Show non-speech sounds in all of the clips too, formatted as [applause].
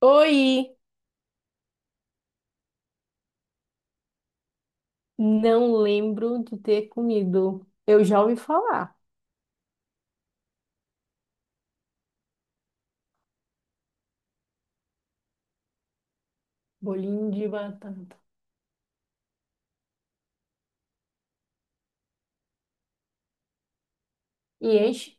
Oi! Não lembro de ter comido. Eu já ouvi falar. Bolinho de batata. E enche.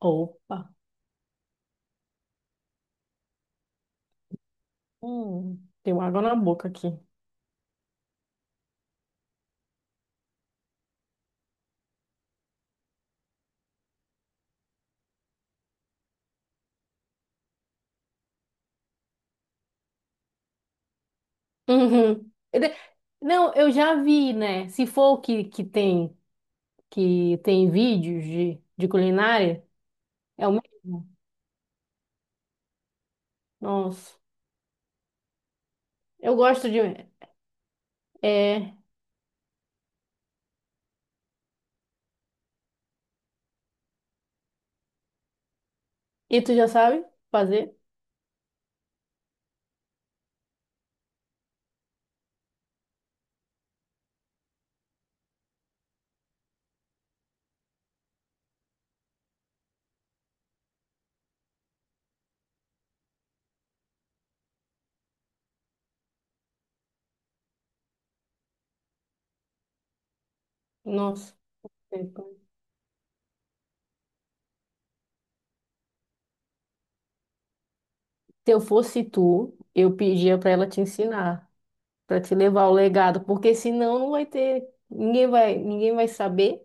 Opa! Tem água na boca aqui. Uhum. Não, eu já vi, né? Se for o que, que tem vídeos de culinária, é o mesmo. Nossa, eu gosto de. É. E tu já sabe fazer? Nossa. Se eu fosse tu, eu pedia pra ela te ensinar, para te levar o legado, porque senão não vai ter, ninguém vai saber,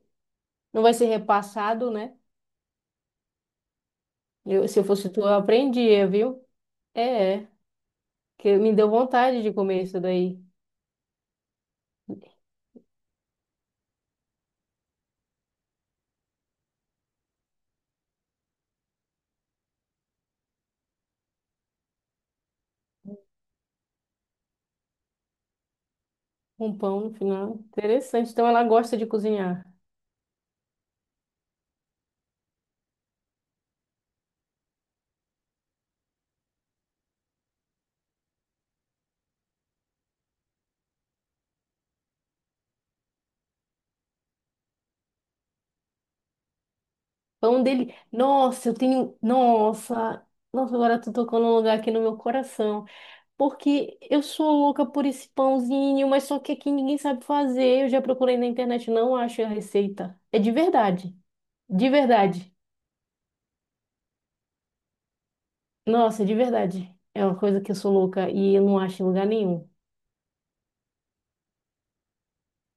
não vai ser repassado, né? Se eu fosse tu, eu aprendia, viu? É, é, que me deu vontade de comer isso daí. Um pão no final. Interessante. Então ela gosta de cozinhar. Pão dele. Nossa, eu tenho. Nossa! Nossa, agora tu tocou num lugar aqui no meu coração. Porque eu sou louca por esse pãozinho, mas só que aqui ninguém sabe fazer. Eu já procurei na internet, não acho a receita. É de verdade. De verdade. Nossa, de verdade. É uma coisa que eu sou louca e eu não acho em lugar nenhum.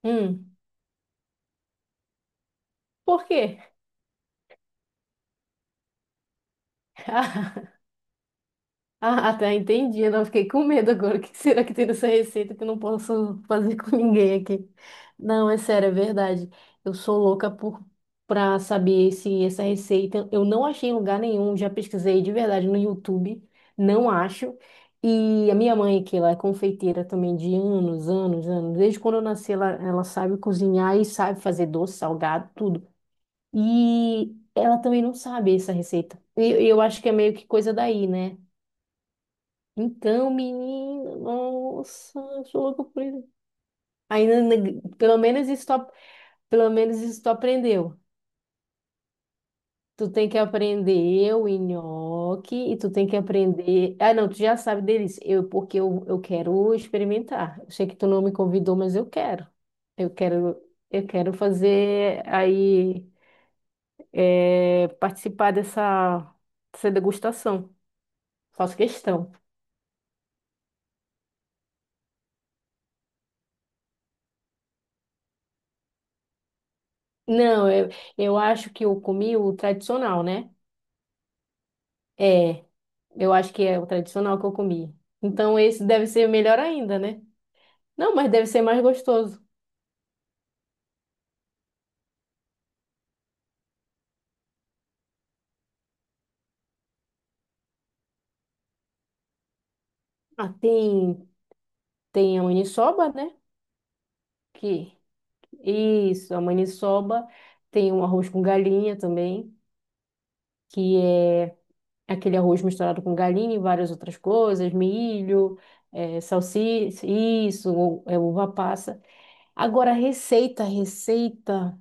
Hum, por quê? [laughs] Ah, até entendi. Eu não fiquei com medo agora. O que será que tem nessa receita que eu não posso fazer com [laughs] ninguém aqui? Não, é sério, é verdade. Eu sou louca por para saber se essa receita. Eu não achei em lugar nenhum. Já pesquisei de verdade no YouTube. Não acho. E a minha mãe, que ela é confeiteira também de anos, anos, anos. Desde quando eu nasci, ela sabe cozinhar e sabe fazer doce, salgado, tudo. E ela também não sabe essa receita. E eu acho que é meio que coisa daí, né? Então, menino, nossa, eu sou louca por isso. Ainda, ne- pelo menos isso, tu- Pelo menos isso tu aprendeu. Tu tem que aprender o nhoque e tu tem que aprender. Ah, não, tu já sabe deles. Porque eu quero experimentar. Eu sei que tu não me convidou, mas eu quero. Eu quero, eu quero fazer aí, participar dessa degustação. Faço questão. Não, eu acho que eu comi o tradicional, né? É, eu acho que é o tradicional que eu comi. Então esse deve ser melhor ainda, né? Não, mas deve ser mais gostoso. Ah, tem a maniçoba, né? Que isso, a maniçoba. Tem um arroz com galinha também, que é aquele arroz misturado com galinha e várias outras coisas, milho, salsicha, isso, é uva passa. Agora, receita, receita.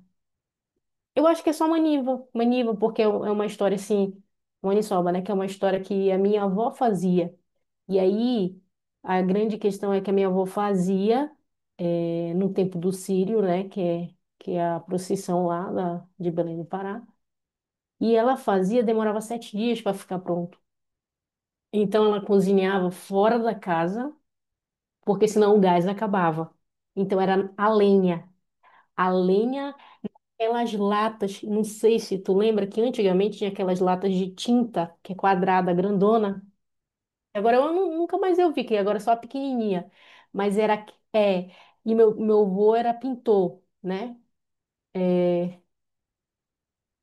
Eu acho que é só Maniva. Maniva, porque é uma história assim, Maniçoba, né? Que é uma história que a minha avó fazia. E aí, a grande questão é que a minha avó fazia no tempo do Círio, né? Que é a procissão lá de Belém do Pará. E ela fazia, demorava 7 dias para ficar pronto. Então, ela cozinhava fora da casa, porque senão o gás acabava. Então, era a lenha. A lenha. Aquelas latas, não sei se tu lembra que antigamente tinha aquelas latas de tinta, que é quadrada, grandona. Agora eu nunca mais eu vi, que agora é só a pequenininha. Mas era, e meu avô era pintor, né? É,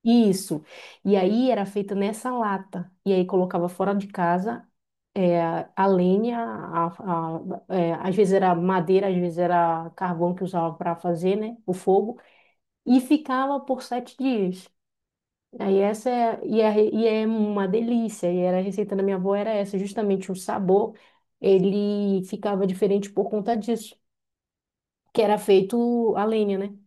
isso. E aí era feita nessa lata. E aí colocava fora de casa, a lenha, às vezes era madeira, às vezes era carvão que usava para fazer, né? O fogo. E ficava por 7 dias. Aí essa é uma delícia. E era a receita da minha avó era essa, justamente o sabor, ele ficava diferente por conta disso, que era feito a lenha, né?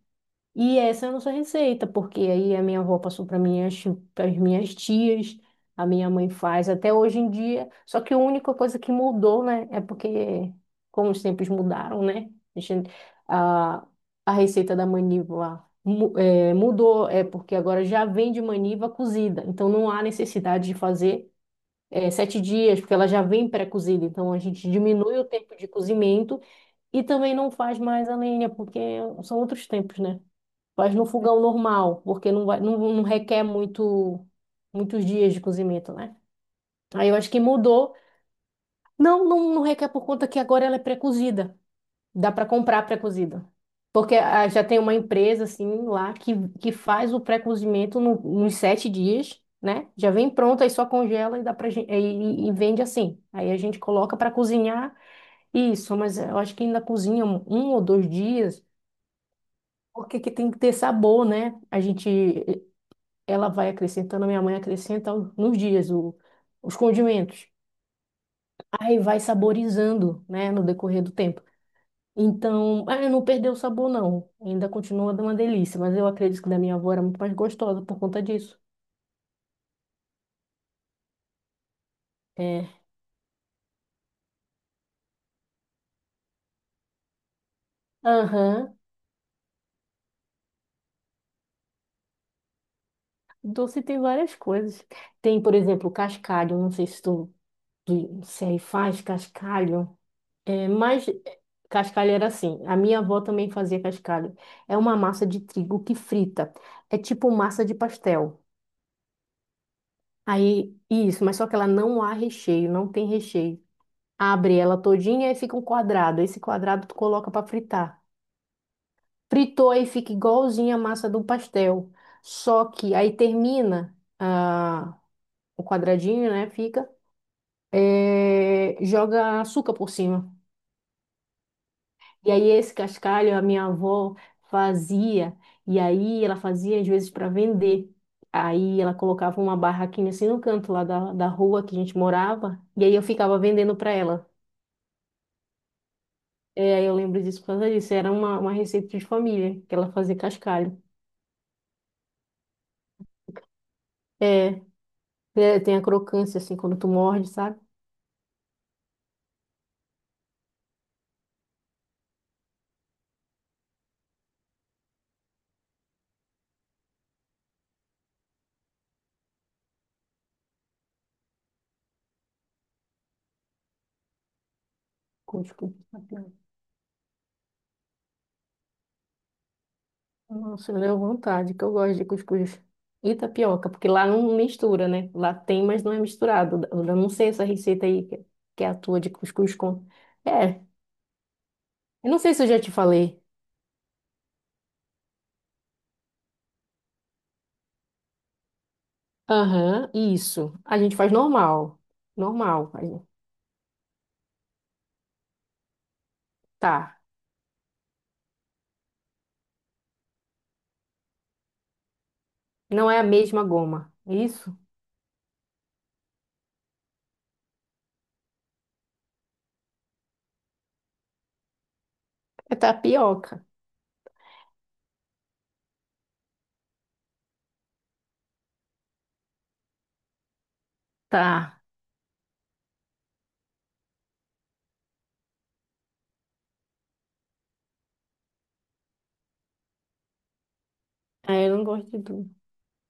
E essa é a nossa receita, porque aí a minha avó passou para minhas, tias, a minha mãe faz até hoje em dia. Só que a única coisa que mudou, né, é porque como os tempos mudaram, né, a, gente- a a receita da maniva mudou, é porque agora já vem de maniva cozida, então não há necessidade de fazer 7 dias, porque ela já vem pré-cozida, então a gente diminui o tempo de cozimento e também não faz mais a lenha, porque são outros tempos, né? Faz no fogão normal, porque não vai, não, não requer muitos dias de cozimento, né? Aí eu acho que mudou. Não, não, não requer por conta que agora ela é pré-cozida. Dá para comprar pré-cozida. Porque já tem uma empresa, assim, lá que faz o pré-cozimento nos 7 dias, né? Já vem pronto, aí só congela e dá pra gente, e vende assim. Aí a gente coloca para cozinhar isso, mas eu acho que ainda cozinha um ou dois dias, porque que tem que ter sabor, né? A gente. Ela vai acrescentando, minha mãe acrescenta nos dias os condimentos. Aí vai saborizando, né, no decorrer do tempo. Então, não perdeu o sabor, não. Ainda continua dando uma delícia, mas eu acredito que da minha avó era muito mais gostosa por conta disso. É. Aham. Doce tem várias coisas. Tem, por exemplo, cascalho. Não sei se se aí faz cascalho. É, mas cascalho era assim. A minha avó também fazia cascalho. É uma massa de trigo que frita. É tipo massa de pastel. Aí, isso, mas só que ela não há recheio, não tem recheio. Abre ela todinha e fica um quadrado. Esse quadrado tu coloca para fritar. Fritou aí fica igualzinho a massa do pastel. Só que aí termina o quadradinho, né? Fica. Joga açúcar por cima. E aí esse cascalho a minha avó fazia. E aí ela fazia às vezes para vender. Aí ela colocava uma barraquinha assim no canto lá da rua que a gente morava, e aí eu ficava vendendo para ela. É, aí eu lembro disso por causa disso. Era uma receita de família, que ela fazia cascalho. É, é, tem a crocância, assim, quando tu morde, sabe? Cuscuz, tapioca. Nossa, me deu vontade, que eu gosto de cuscuz. E tapioca, porque lá não mistura, né? Lá tem, mas não é misturado. Eu não sei essa receita aí, que é a tua de cuscuz com... É, eu não sei se eu já te falei. Aham, isso. A gente faz normal. Normal. Aí. Tá. Não é a mesma goma. Isso? É tapioca. Tá. Ah, eu não gosto de tudo.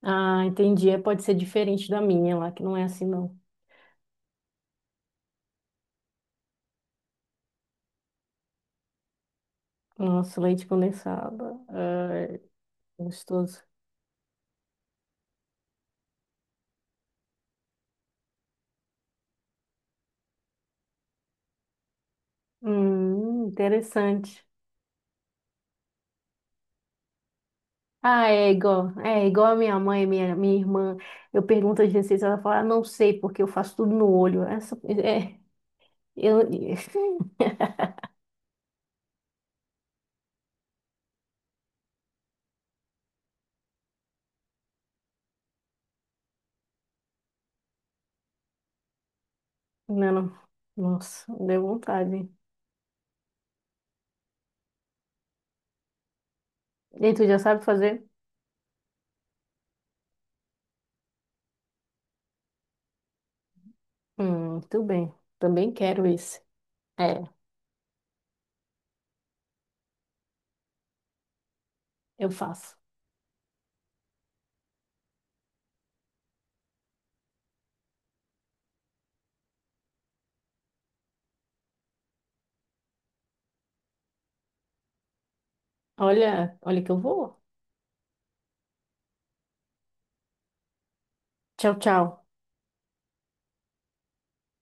Ah, entendi. É, pode ser diferente da minha lá, que não é assim, não. Nossa, leite condensado. Ai, gostoso. Interessante. Ah, é igual. É igual a minha mãe, minha irmã. Eu pergunto as receitas, ela fala, não sei, porque eu faço tudo no olho. É, eu, [laughs] não, não. Nossa, deu vontade. E tu já sabe fazer? Tudo bem. Também quero isso. É, eu faço. Olha, olha que eu vou. Tchau, tchau.